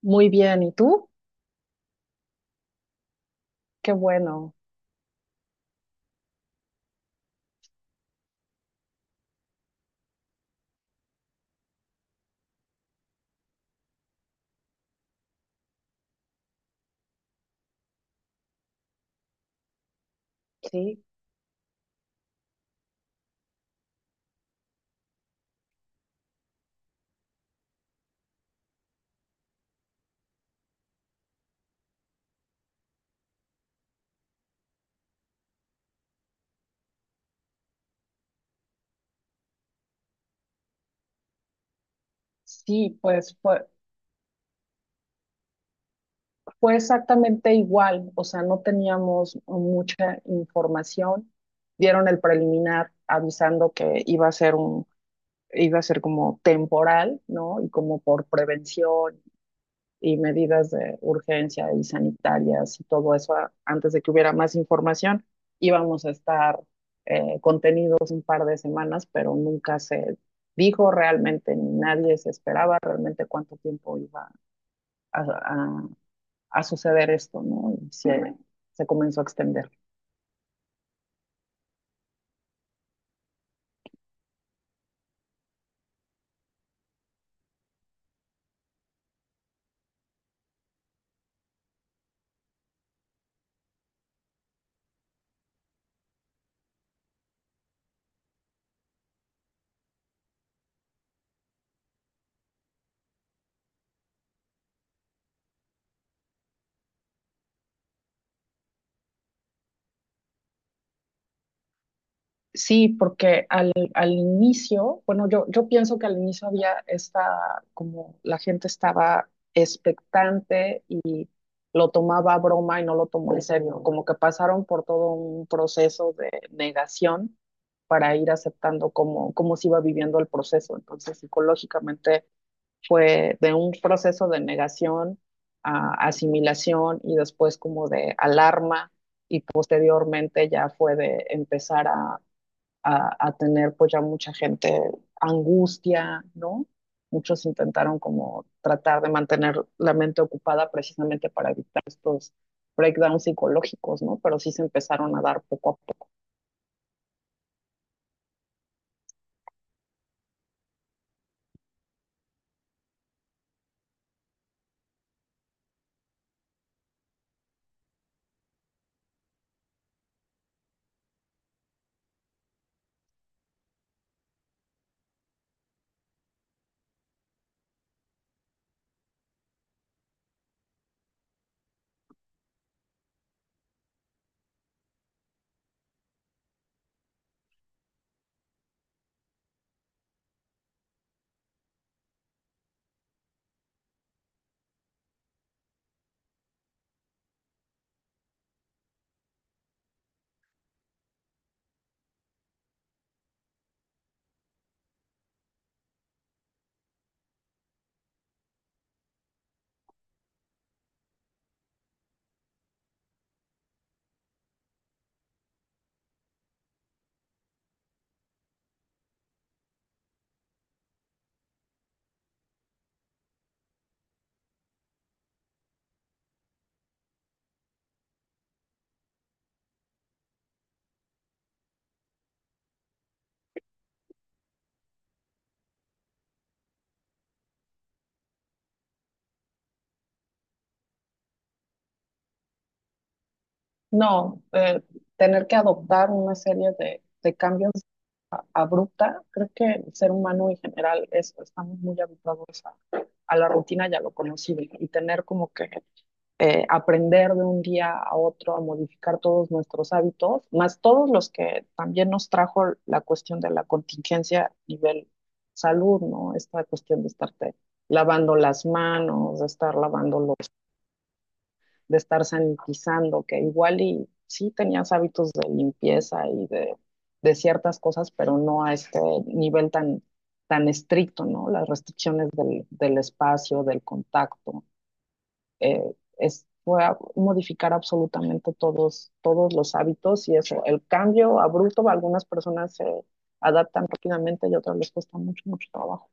Muy bien, ¿y tú? Qué bueno. sí, sí, pues fue exactamente igual, o sea, no teníamos mucha información. Dieron el preliminar avisando que iba a ser como temporal, ¿no? Y como por prevención y medidas de urgencia y sanitarias y todo eso antes de que hubiera más información. Íbamos a estar contenidos un par de semanas, pero nunca se dijo realmente, ni nadie se esperaba realmente cuánto tiempo a, a- a suceder esto, ¿no? Y se comenzó a extender. Sí, porque al inicio, bueno, yo pienso que al inicio había esta, como la gente estaba expectante y lo tomaba a broma y no lo tomó en serio, como que pasaron por todo un proceso de negación para ir aceptando cómo se iba viviendo el proceso. Entonces, psicológicamente fue de un proceso de negación a asimilación y después como de alarma y posteriormente ya fue de empezar a tener pues ya mucha gente angustia, ¿no? Muchos intentaron como tratar de mantener la mente ocupada precisamente para evitar estos breakdowns psicológicos, ¿no? Pero sí se empezaron a dar poco a poco. No, tener que adoptar una serie de cambios abrupta, creo que el ser humano en general estamos muy habituados a la rutina y a lo conocido y tener como que aprender de un día a otro a modificar todos nuestros hábitos, más todos los que también nos trajo la cuestión de la contingencia a nivel salud, ¿no? Esta cuestión de estarte lavando las manos, de estar lavando de estar sanitizando, que igual y sí tenías hábitos de limpieza y de ciertas cosas, pero no a este nivel tan estricto, ¿no? Las restricciones del espacio, del contacto eh, fue a modificar absolutamente todos los hábitos y eso, el cambio abrupto, algunas personas se adaptan rápidamente y otras les cuesta mucho, mucho trabajo.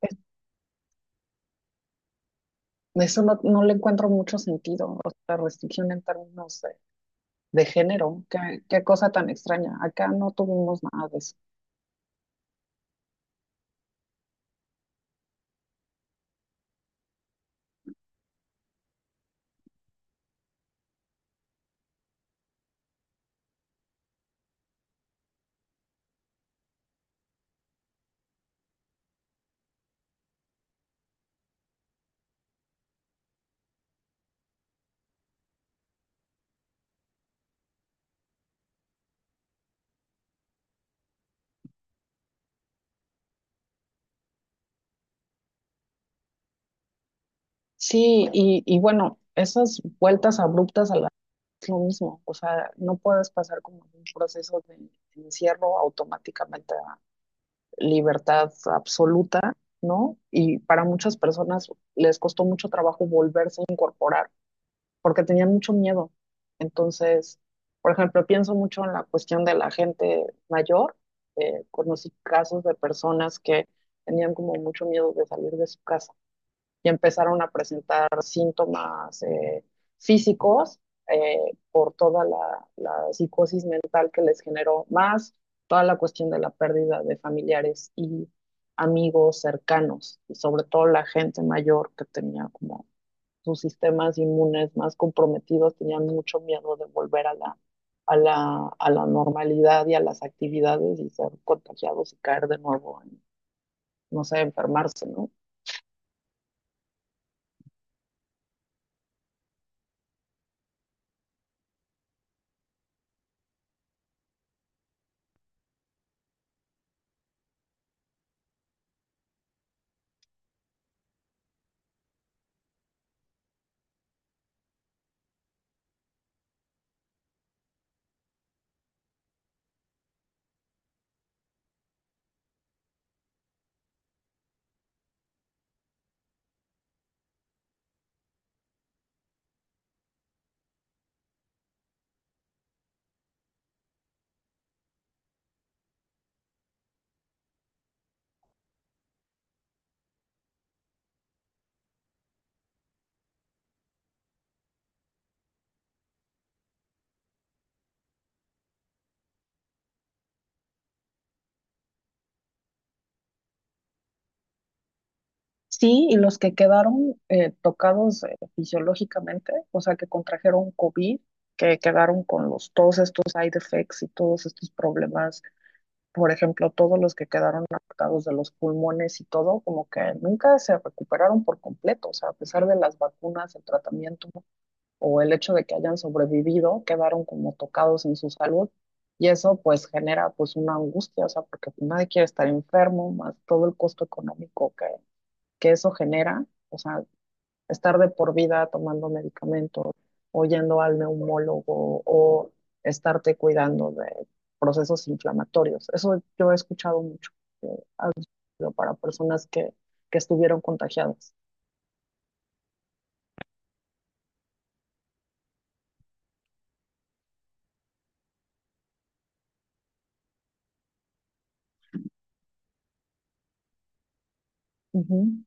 Es- Eso no le encuentro mucho sentido, o sea, restricción en términos de género, qué cosa tan extraña, acá no tuvimos nada de eso. Sí, y bueno, esas vueltas abruptas a la es lo mismo, o sea, no puedes pasar como un proceso de encierro automáticamente libertad absoluta, ¿no? Y para muchas personas les costó mucho trabajo volverse a incorporar porque tenían mucho miedo. Entonces, por ejemplo, pienso mucho en la cuestión de la gente mayor. Conocí casos de personas que tenían como mucho miedo de salir de su casa ya empezaron a presentar síntomas físicos eh, por toda la psicosis mental que les generó, más toda la cuestión de la pérdida de familiares y amigos cercanos, y sobre todo la gente mayor que tenía como sus sistemas inmunes más comprometidos, tenían mucho miedo de volver a a la normalidad y a las actividades y ser contagiados y caer de nuevo en, no sé, enfermarse, ¿no? Sí, y los que quedaron tocados fisiológicamente, o sea, que contrajeron COVID, que quedaron con todos estos side effects y todos estos problemas, por ejemplo, todos los que quedaron afectados de los pulmones y todo, como que nunca se recuperaron por completo, o sea, a pesar de las vacunas, el tratamiento o el hecho de que hayan sobrevivido, quedaron como tocados en su salud. Y eso pues genera pues una angustia, o sea, porque nadie quiere estar enfermo, más todo el costo económico que eso genera, o sea, estar de por vida tomando medicamentos o yendo al neumólogo o estarte cuidando de procesos inflamatorios. Eso yo he escuchado mucho que ha sido para personas que estuvieron contagiadas. Ujú,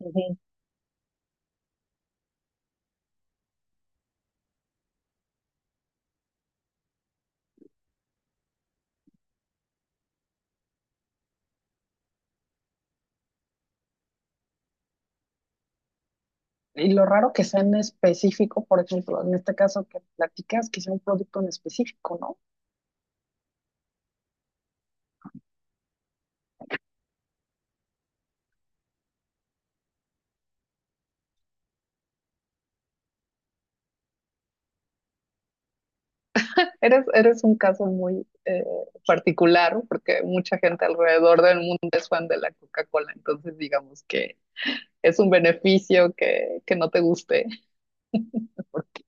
ujú. Y lo raro que sea en específico, por ejemplo, en este caso que platicas, que sea un producto en específico, ¿no? Eres un caso muy particular porque mucha gente alrededor del mundo es fan de la Coca-Cola, entonces digamos que es un beneficio que no te guste, porque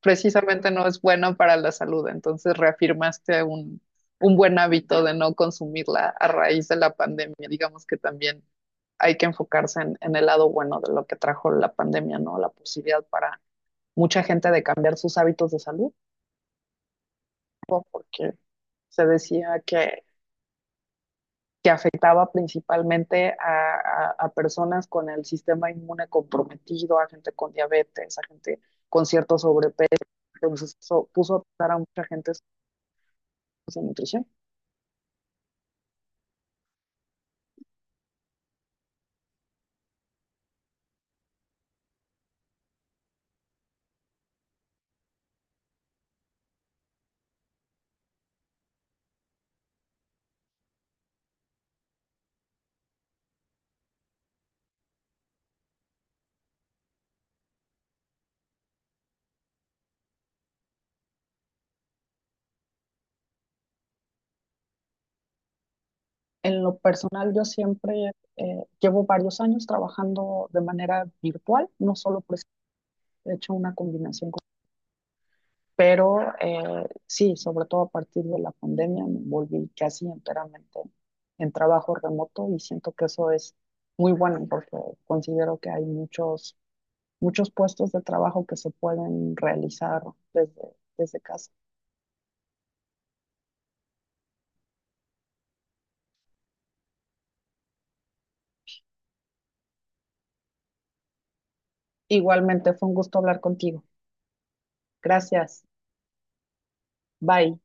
precisamente no es bueno para la salud, entonces reafirmaste un buen hábito de no consumirla a raíz de la pandemia, digamos que también hay que enfocarse en el lado bueno de lo que trajo la pandemia, ¿no? La posibilidad para mucha gente de cambiar sus hábitos de salud, ¿no? Porque se decía que afectaba principalmente a personas con el sistema inmune comprometido, a gente con diabetes, a gente con cierto sobrepeso. Entonces eso puso a pasar a mucha gente sin nutrición. En lo personal, yo siempre llevo varios años trabajando de manera virtual, no solo por he hecho una combinación. Pero sí, sobre todo a partir de la pandemia me volví casi enteramente en trabajo remoto y siento que eso es muy bueno porque considero que hay muchos, muchos puestos de trabajo que se pueden realizar desde casa. Igualmente fue un gusto hablar contigo. Gracias. Bye.